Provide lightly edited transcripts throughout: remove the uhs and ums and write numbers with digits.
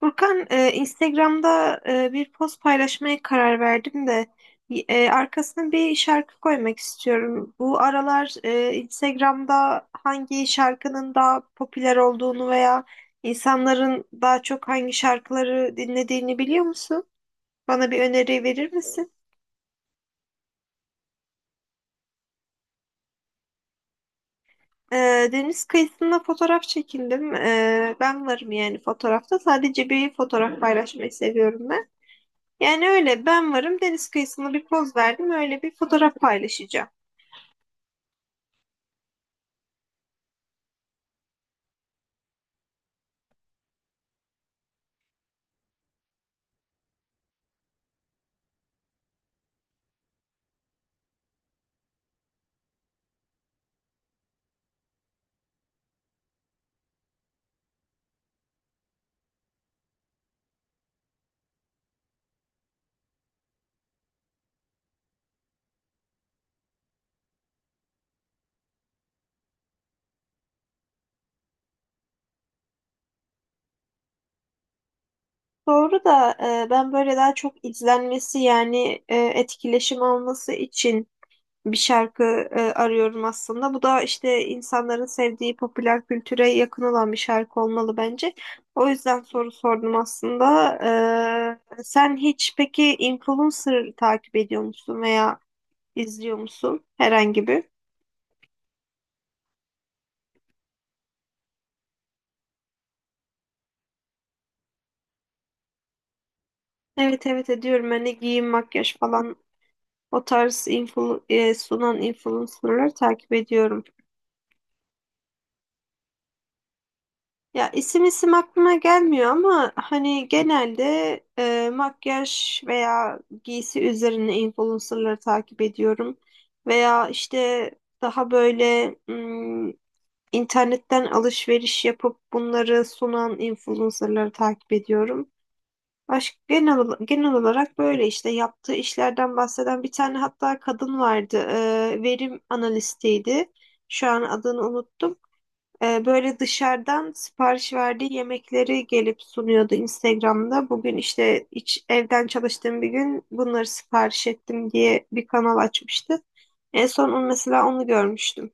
Furkan, Instagram'da bir post paylaşmaya karar verdim de arkasına bir şarkı koymak istiyorum. Bu aralar Instagram'da hangi şarkının daha popüler olduğunu veya insanların daha çok hangi şarkıları dinlediğini biliyor musun? Bana bir öneri verir misin? E, Deniz kıyısında fotoğraf çekindim. Ben varım yani fotoğrafta. Sadece bir fotoğraf paylaşmayı seviyorum ben. Yani öyle ben varım, deniz kıyısında bir poz verdim, öyle bir fotoğraf paylaşacağım. Doğru da ben böyle daha çok izlenmesi yani etkileşim alması için bir şarkı arıyorum aslında. Bu da işte insanların sevdiği popüler kültüre yakın olan bir şarkı olmalı bence. O yüzden soru sordum aslında. Sen hiç peki influencer takip ediyor musun veya izliyor musun herhangi bir? Evet, evet ediyorum. Hani giyim, makyaj falan. O tarz sunan influencerları takip ediyorum. Ya isim isim aklıma gelmiyor ama hani genelde makyaj veya giysi üzerine influencerları takip ediyorum. Veya işte daha böyle internetten alışveriş yapıp bunları sunan influencerları takip ediyorum. Genel olarak böyle işte yaptığı işlerden bahseden bir tane hatta kadın vardı. Verim analistiydi. Şu an adını unuttum. Böyle dışarıdan sipariş verdiği yemekleri gelip sunuyordu Instagram'da. Bugün işte hiç evden çalıştığım bir gün bunları sipariş ettim diye bir kanal açmıştı. Mesela onu görmüştüm.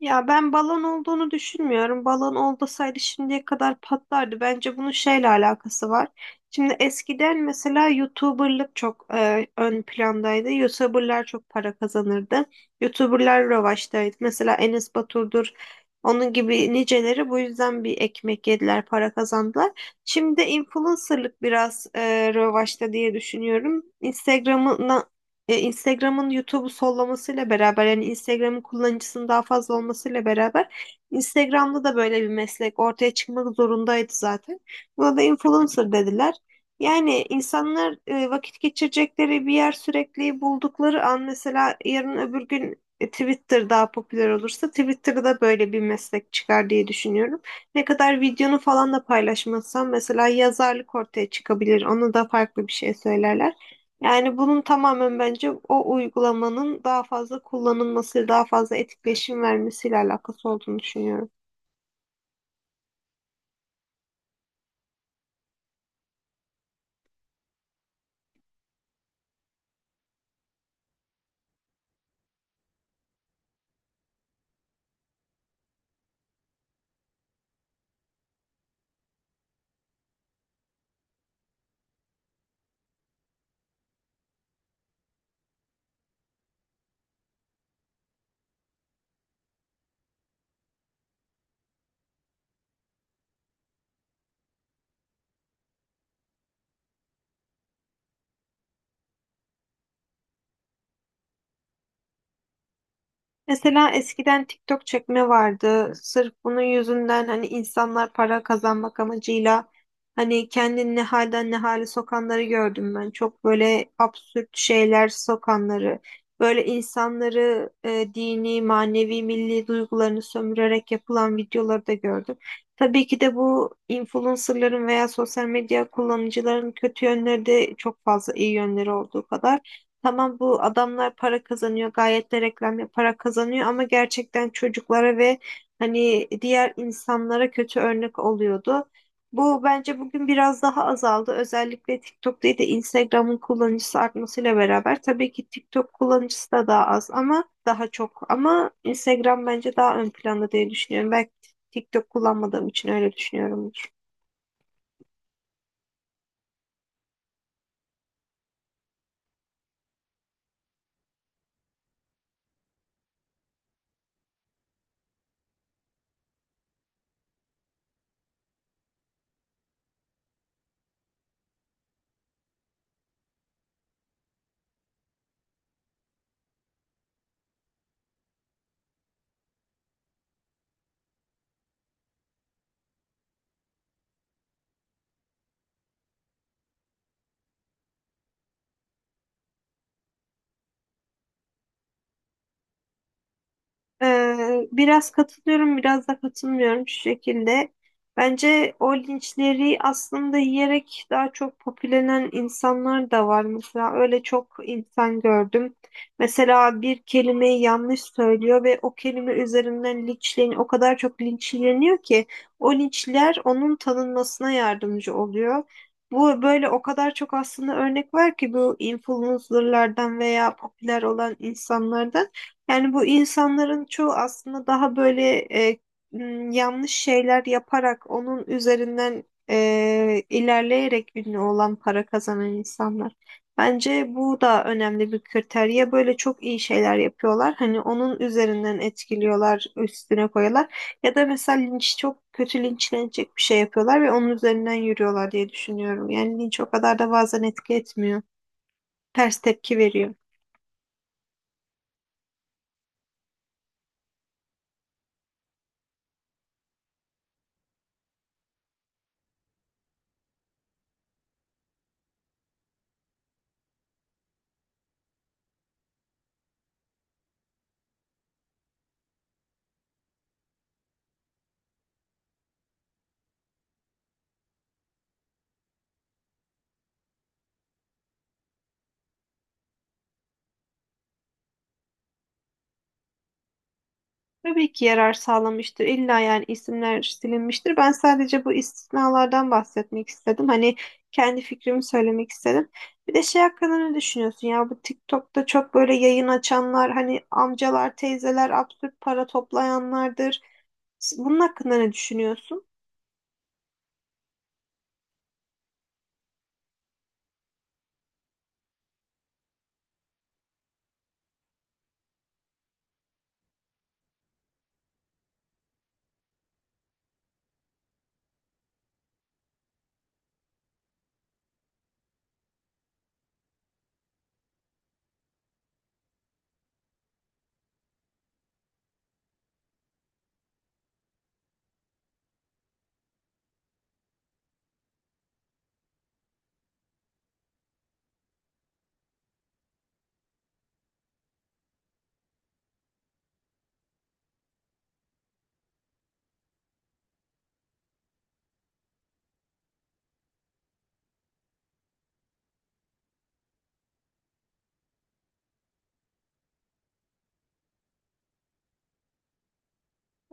Ya ben balon olduğunu düşünmüyorum. Balon olmasaydı şimdiye kadar patlardı. Bence bunun şeyle alakası var. Şimdi eskiden mesela YouTuber'lık çok ön plandaydı. YouTuber'lar çok para kazanırdı. YouTuber'lar revaçtaydı. Mesela Enes Batur'dur. Onun gibi niceleri bu yüzden bir ekmek yediler, para kazandılar. Şimdi influencer'lık biraz revaçta diye düşünüyorum. Instagram'ın YouTube'u sollamasıyla beraber yani Instagram'ın kullanıcısının daha fazla olmasıyla beraber Instagram'da da böyle bir meslek ortaya çıkmak zorundaydı zaten. Buna da influencer dediler. Yani insanlar vakit geçirecekleri bir yer sürekli buldukları an mesela yarın öbür gün Twitter daha popüler olursa Twitter'da böyle bir meslek çıkar diye düşünüyorum. Ne kadar videonu falan da paylaşmazsan mesela yazarlık ortaya çıkabilir. Onu da farklı bir şey söylerler. Yani bunun tamamen bence o uygulamanın daha fazla kullanılması, daha fazla etkileşim vermesiyle alakası olduğunu düşünüyorum. Mesela eskiden TikTok çekme vardı. Sırf bunun yüzünden hani insanlar para kazanmak amacıyla hani kendini ne halden ne hale sokanları gördüm ben. Çok böyle absürt şeyler sokanları. Böyle insanları dini, manevi, milli duygularını sömürerek yapılan videoları da gördüm. Tabii ki de bu influencerların veya sosyal medya kullanıcıların kötü yönleri de çok fazla, iyi yönleri olduğu kadar. Tamam, bu adamlar para kazanıyor, gayet de reklam yaparak kazanıyor ama gerçekten çocuklara ve hani diğer insanlara kötü örnek oluyordu. Bu bence bugün biraz daha azaldı. Özellikle TikTok değil de Instagram'ın kullanıcısı artmasıyla beraber tabii ki TikTok kullanıcısı da daha az ama daha çok. Ama Instagram bence daha ön planda diye düşünüyorum. Belki TikTok kullanmadığım için öyle düşünüyorumdur. Biraz katılıyorum, biraz da katılmıyorum şu şekilde. Bence o linçleri aslında yiyerek daha çok popülenen insanlar da var. Mesela öyle çok insan gördüm. Mesela bir kelimeyi yanlış söylüyor ve o kelime üzerinden linçleniyor. O kadar çok linçleniyor ki o linçler onun tanınmasına yardımcı oluyor. Bu böyle o kadar çok aslında örnek var ki bu influencerlardan veya popüler olan insanlardan. Yani bu insanların çoğu aslında daha böyle e, yanlış şeyler yaparak onun üzerinden ilerleyerek ünlü olan, para kazanan insanlar. Bence bu da önemli bir kriter. Ya böyle çok iyi şeyler yapıyorlar. Hani onun üzerinden etkiliyorlar, üstüne koyuyorlar. Ya da mesela linç, çok kötü linçlenecek bir şey yapıyorlar ve onun üzerinden yürüyorlar diye düşünüyorum. Yani linç o kadar da bazen etki etmiyor. Ters tepki veriyor. Tabii ki yarar sağlamıştır. İlla yani isimler silinmiştir. Ben sadece bu istisnalardan bahsetmek istedim. Hani kendi fikrimi söylemek istedim. Bir de şey hakkında ne düşünüyorsun ya? Bu TikTok'ta çok böyle yayın açanlar, hani amcalar, teyzeler, absürt para toplayanlardır. Bunun hakkında ne düşünüyorsun?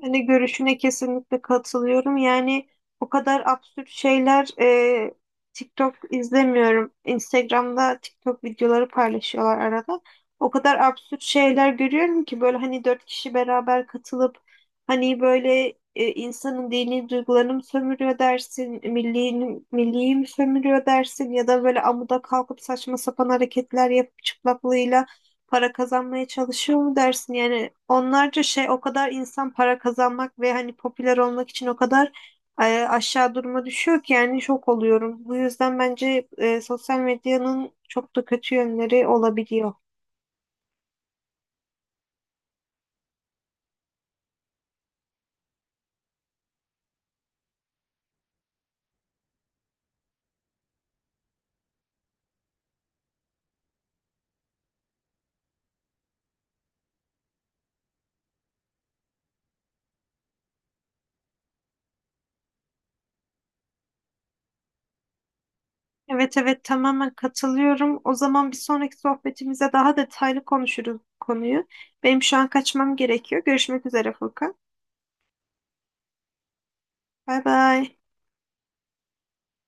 Ben de görüşüne kesinlikle katılıyorum. Yani o kadar absürt şeyler. TikTok izlemiyorum. Instagram'da TikTok videoları paylaşıyorlar arada. O kadar absürt şeyler görüyorum ki böyle hani dört kişi beraber katılıp hani böyle insanın dini duygularını mı sömürüyor dersin, milliğini, milliyi mi sömürüyor dersin ya da böyle amuda kalkıp saçma sapan hareketler yapıp çıplaklığıyla para kazanmaya çalışıyor mu dersin? Yani onlarca şey, o kadar insan para kazanmak ve hani popüler olmak için o kadar aşağı duruma düşüyor ki yani şok oluyorum. Bu yüzden bence sosyal medyanın çok da kötü yönleri olabiliyor. Evet, evet tamamen katılıyorum. O zaman bir sonraki sohbetimize daha detaylı konuşuruz bu konuyu. Benim şu an kaçmam gerekiyor. Görüşmek üzere Furkan. Bay bay.